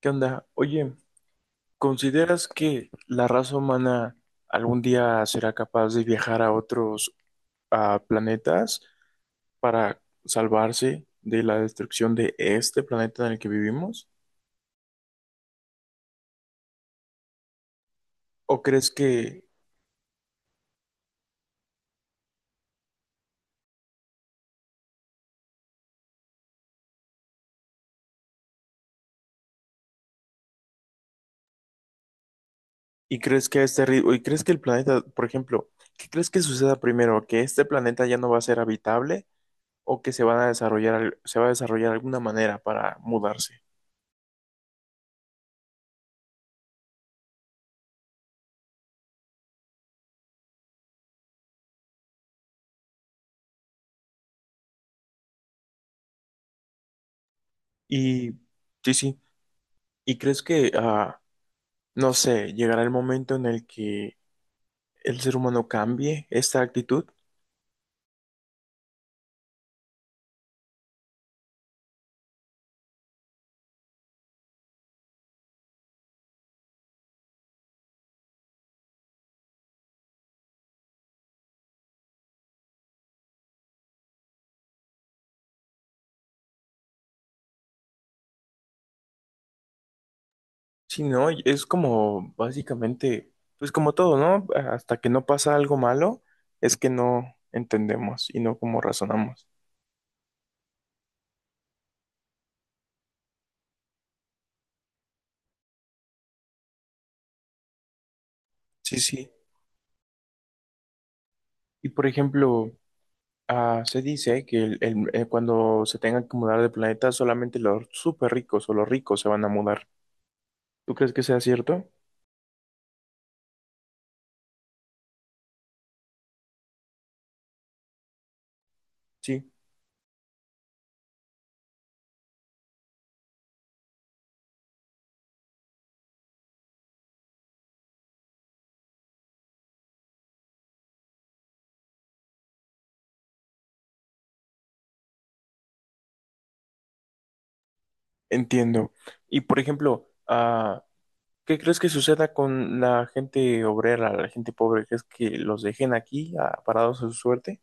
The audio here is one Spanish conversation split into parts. ¿Qué onda? Oye, ¿consideras que la raza humana algún día será capaz de viajar a otros planetas para salvarse de la destrucción de este planeta en el que vivimos? ¿O crees que, y crees que a este ritmo, y crees que el planeta, por ejemplo, qué crees que suceda primero? ¿Que este planeta ya no va a ser habitable o que se van a desarrollar, se va a desarrollar alguna manera para mudarse? Y sí, sí. ¿Y crees que, no sé, llegará el momento en el que el ser humano cambie esta actitud? Si no, es como básicamente, pues como todo, ¿no? Hasta que no pasa algo malo, es que no entendemos y no como razonamos. Sí, sí. Y por ejemplo, se dice que cuando se tengan que mudar de planeta, solamente los súper ricos o los ricos se van a mudar. ¿Tú crees que sea cierto? Sí, entiendo. Y por ejemplo, ¿qué crees que suceda con la gente obrera, la gente pobre? ¿Crees que los dejen aquí, parados a su suerte?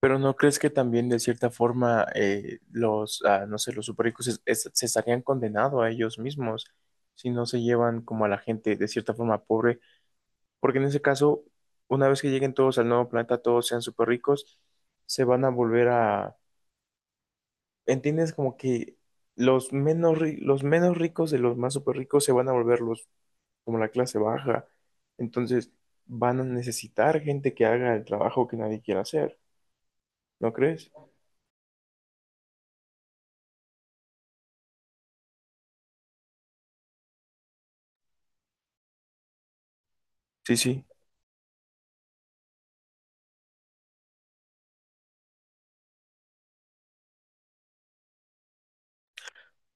Pero ¿no crees que también de cierta forma, los, no sé, los superricos se estarían condenados a ellos mismos si no se llevan como a la gente de cierta forma pobre? Porque en ese caso, una vez que lleguen todos al nuevo planeta, todos sean superricos, se van a volver a, ¿entiendes? Como que los menos, los menos ricos de los más súper ricos se van a volver los, como la clase baja. Entonces van a necesitar gente que haga el trabajo que nadie quiere hacer, ¿no crees? Sí, sí.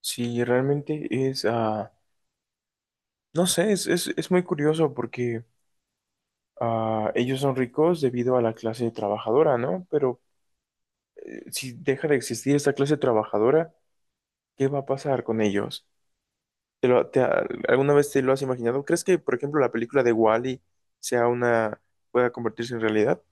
Sí, realmente es, no sé, es muy curioso porque, ellos son ricos debido a la clase trabajadora, ¿no? Pero, si deja de existir esta clase trabajadora, ¿qué va a pasar con ellos? ¿Te lo- te- ¿Alguna vez te lo has imaginado? ¿Crees que, por ejemplo, la película de Wall-E sea una, pueda convertirse en realidad?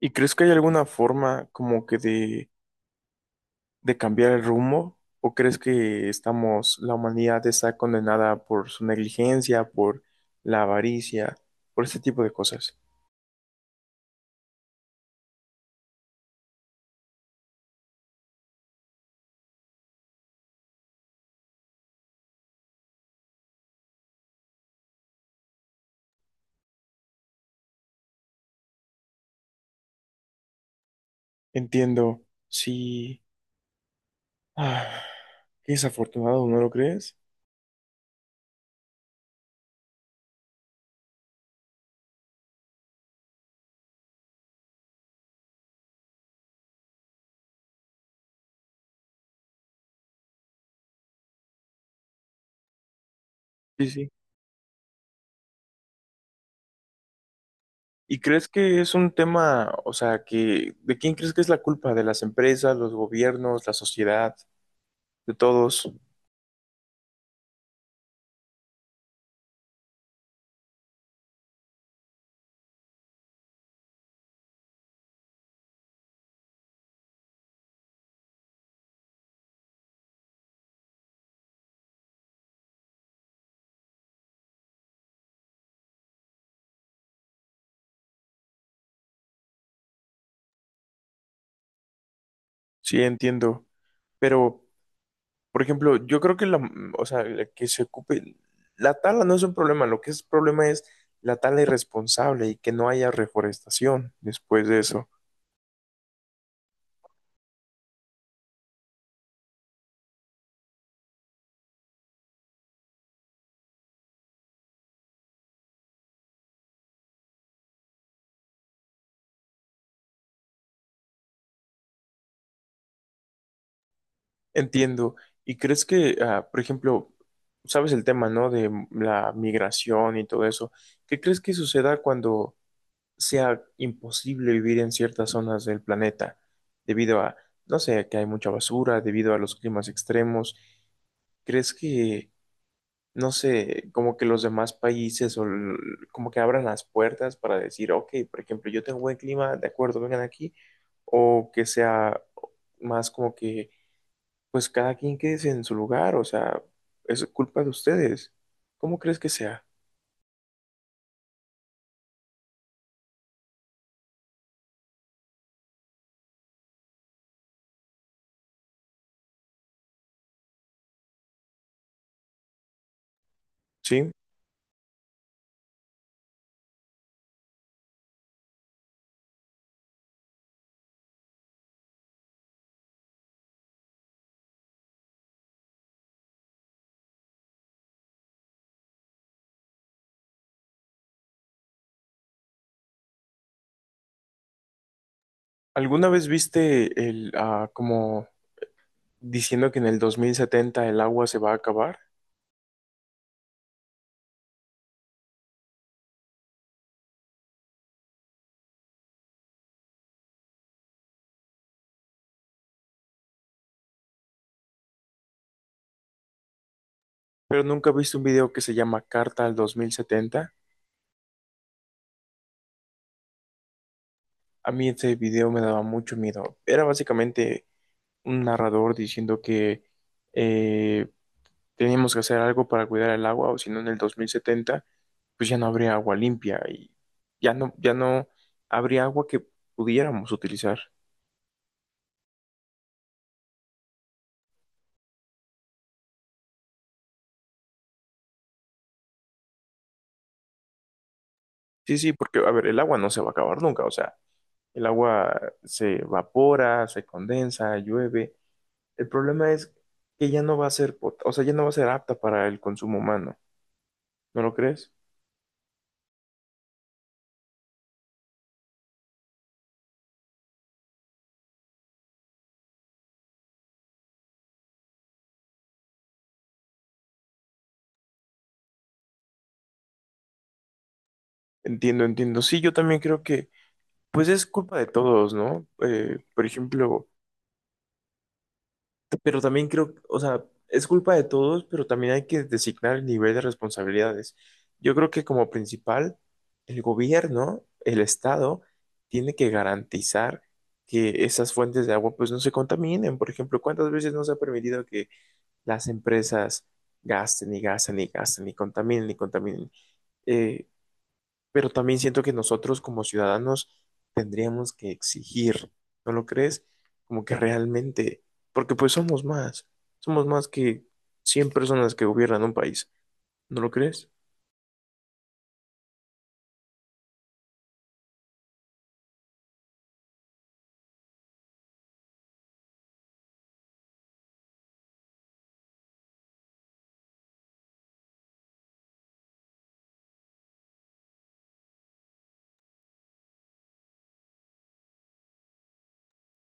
¿Y crees que hay alguna forma como que de cambiar el rumbo? ¿O crees que estamos, la humanidad está condenada por su negligencia, por la avaricia, por este tipo de cosas? Entiendo, sí. Ah, qué desafortunado, ¿no lo crees? Sí, sí. ¿Y crees que es un tema, o sea, que de quién crees que es la culpa? ¿De las empresas, los gobiernos, la sociedad, de todos? Sí, entiendo. Pero, por ejemplo, yo creo que la, o sea, la que se ocupe, la tala no es un problema, lo que es problema es la tala irresponsable y que no haya reforestación después de eso. Entiendo. ¿Y crees que, por ejemplo, sabes el tema, ¿no? De la migración y todo eso. ¿Qué crees que suceda cuando sea imposible vivir en ciertas zonas del planeta debido a, no sé, que hay mucha basura, debido a los climas extremos? ¿Crees que, no sé, como que los demás países o como que abran las puertas para decir, ok, por ejemplo, yo tengo buen clima, de acuerdo, vengan aquí, o que sea más como que, pues cada quien quede en su lugar, o sea, es culpa de ustedes? ¿Cómo crees que sea? ¿Sí? ¿Alguna vez viste el, como diciendo que en el 2070 el agua se va a acabar, pero nunca he visto un video que se llama Carta al 2070? A mí ese video me daba mucho miedo. Era básicamente un narrador diciendo que, eh, teníamos que hacer algo para cuidar el agua, o si no, en el 2070, pues ya no habría agua limpia y ya no, ya no habría agua que pudiéramos utilizar. Sí, sí, porque, a ver, el agua no se va a acabar nunca, o sea, el agua se evapora, se condensa, llueve. El problema es que ya no va a ser, o sea, ya no va a ser apta para el consumo humano, ¿no lo crees? Entiendo, entiendo. Sí, yo también creo que, pues es culpa de todos, ¿no? Por ejemplo, pero también creo, o sea, es culpa de todos, pero también hay que designar el nivel de responsabilidades. Yo creo que como principal, el gobierno, el Estado, tiene que garantizar que esas fuentes de agua, pues no se contaminen. Por ejemplo, ¿cuántas veces nos ha permitido las empresas gasten y gasten y gasten y contaminen y contaminen? Eh, pero también siento que nosotros como ciudadanos tendríamos que exigir, ¿no lo crees? Como que realmente, porque pues somos más que 100 personas que gobiernan un país, ¿no lo crees?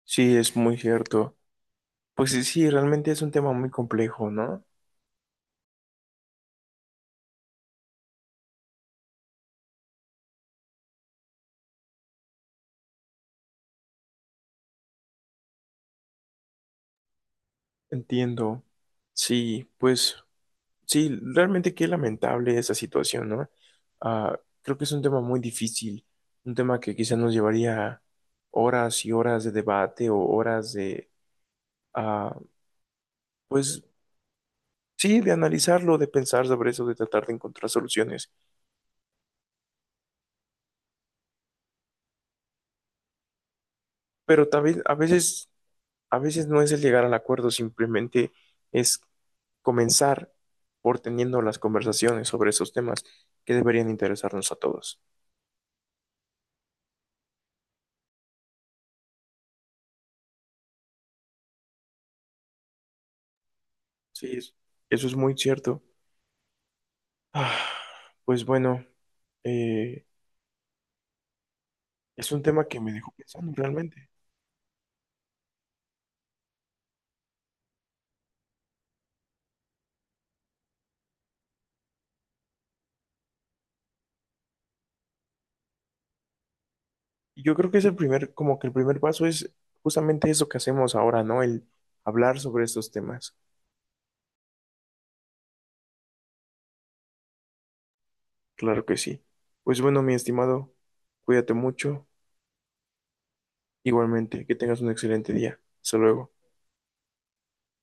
Sí, es muy cierto. Pues sí, sí, realmente es un tema muy complejo, ¿no? Entiendo. Sí, pues sí, realmente qué lamentable esa situación, ¿no? Creo que es un tema muy difícil, un tema que quizás nos llevaría horas y horas de debate o horas de, ah, pues sí, de analizarlo, de pensar sobre eso, de tratar de encontrar soluciones. Pero también a veces no es el llegar al acuerdo, simplemente es comenzar por teniendo las conversaciones sobre esos temas que deberían interesarnos a todos. Sí, eso es muy cierto. Ah, Pues bueno, eh, es un tema que me dejó pensando realmente. Y yo creo que es el primer, como que el primer paso es justamente eso que hacemos ahora, ¿no? El hablar sobre estos temas. Claro que sí. Pues bueno, mi estimado, cuídate mucho. Igualmente, que tengas un excelente día. Hasta luego.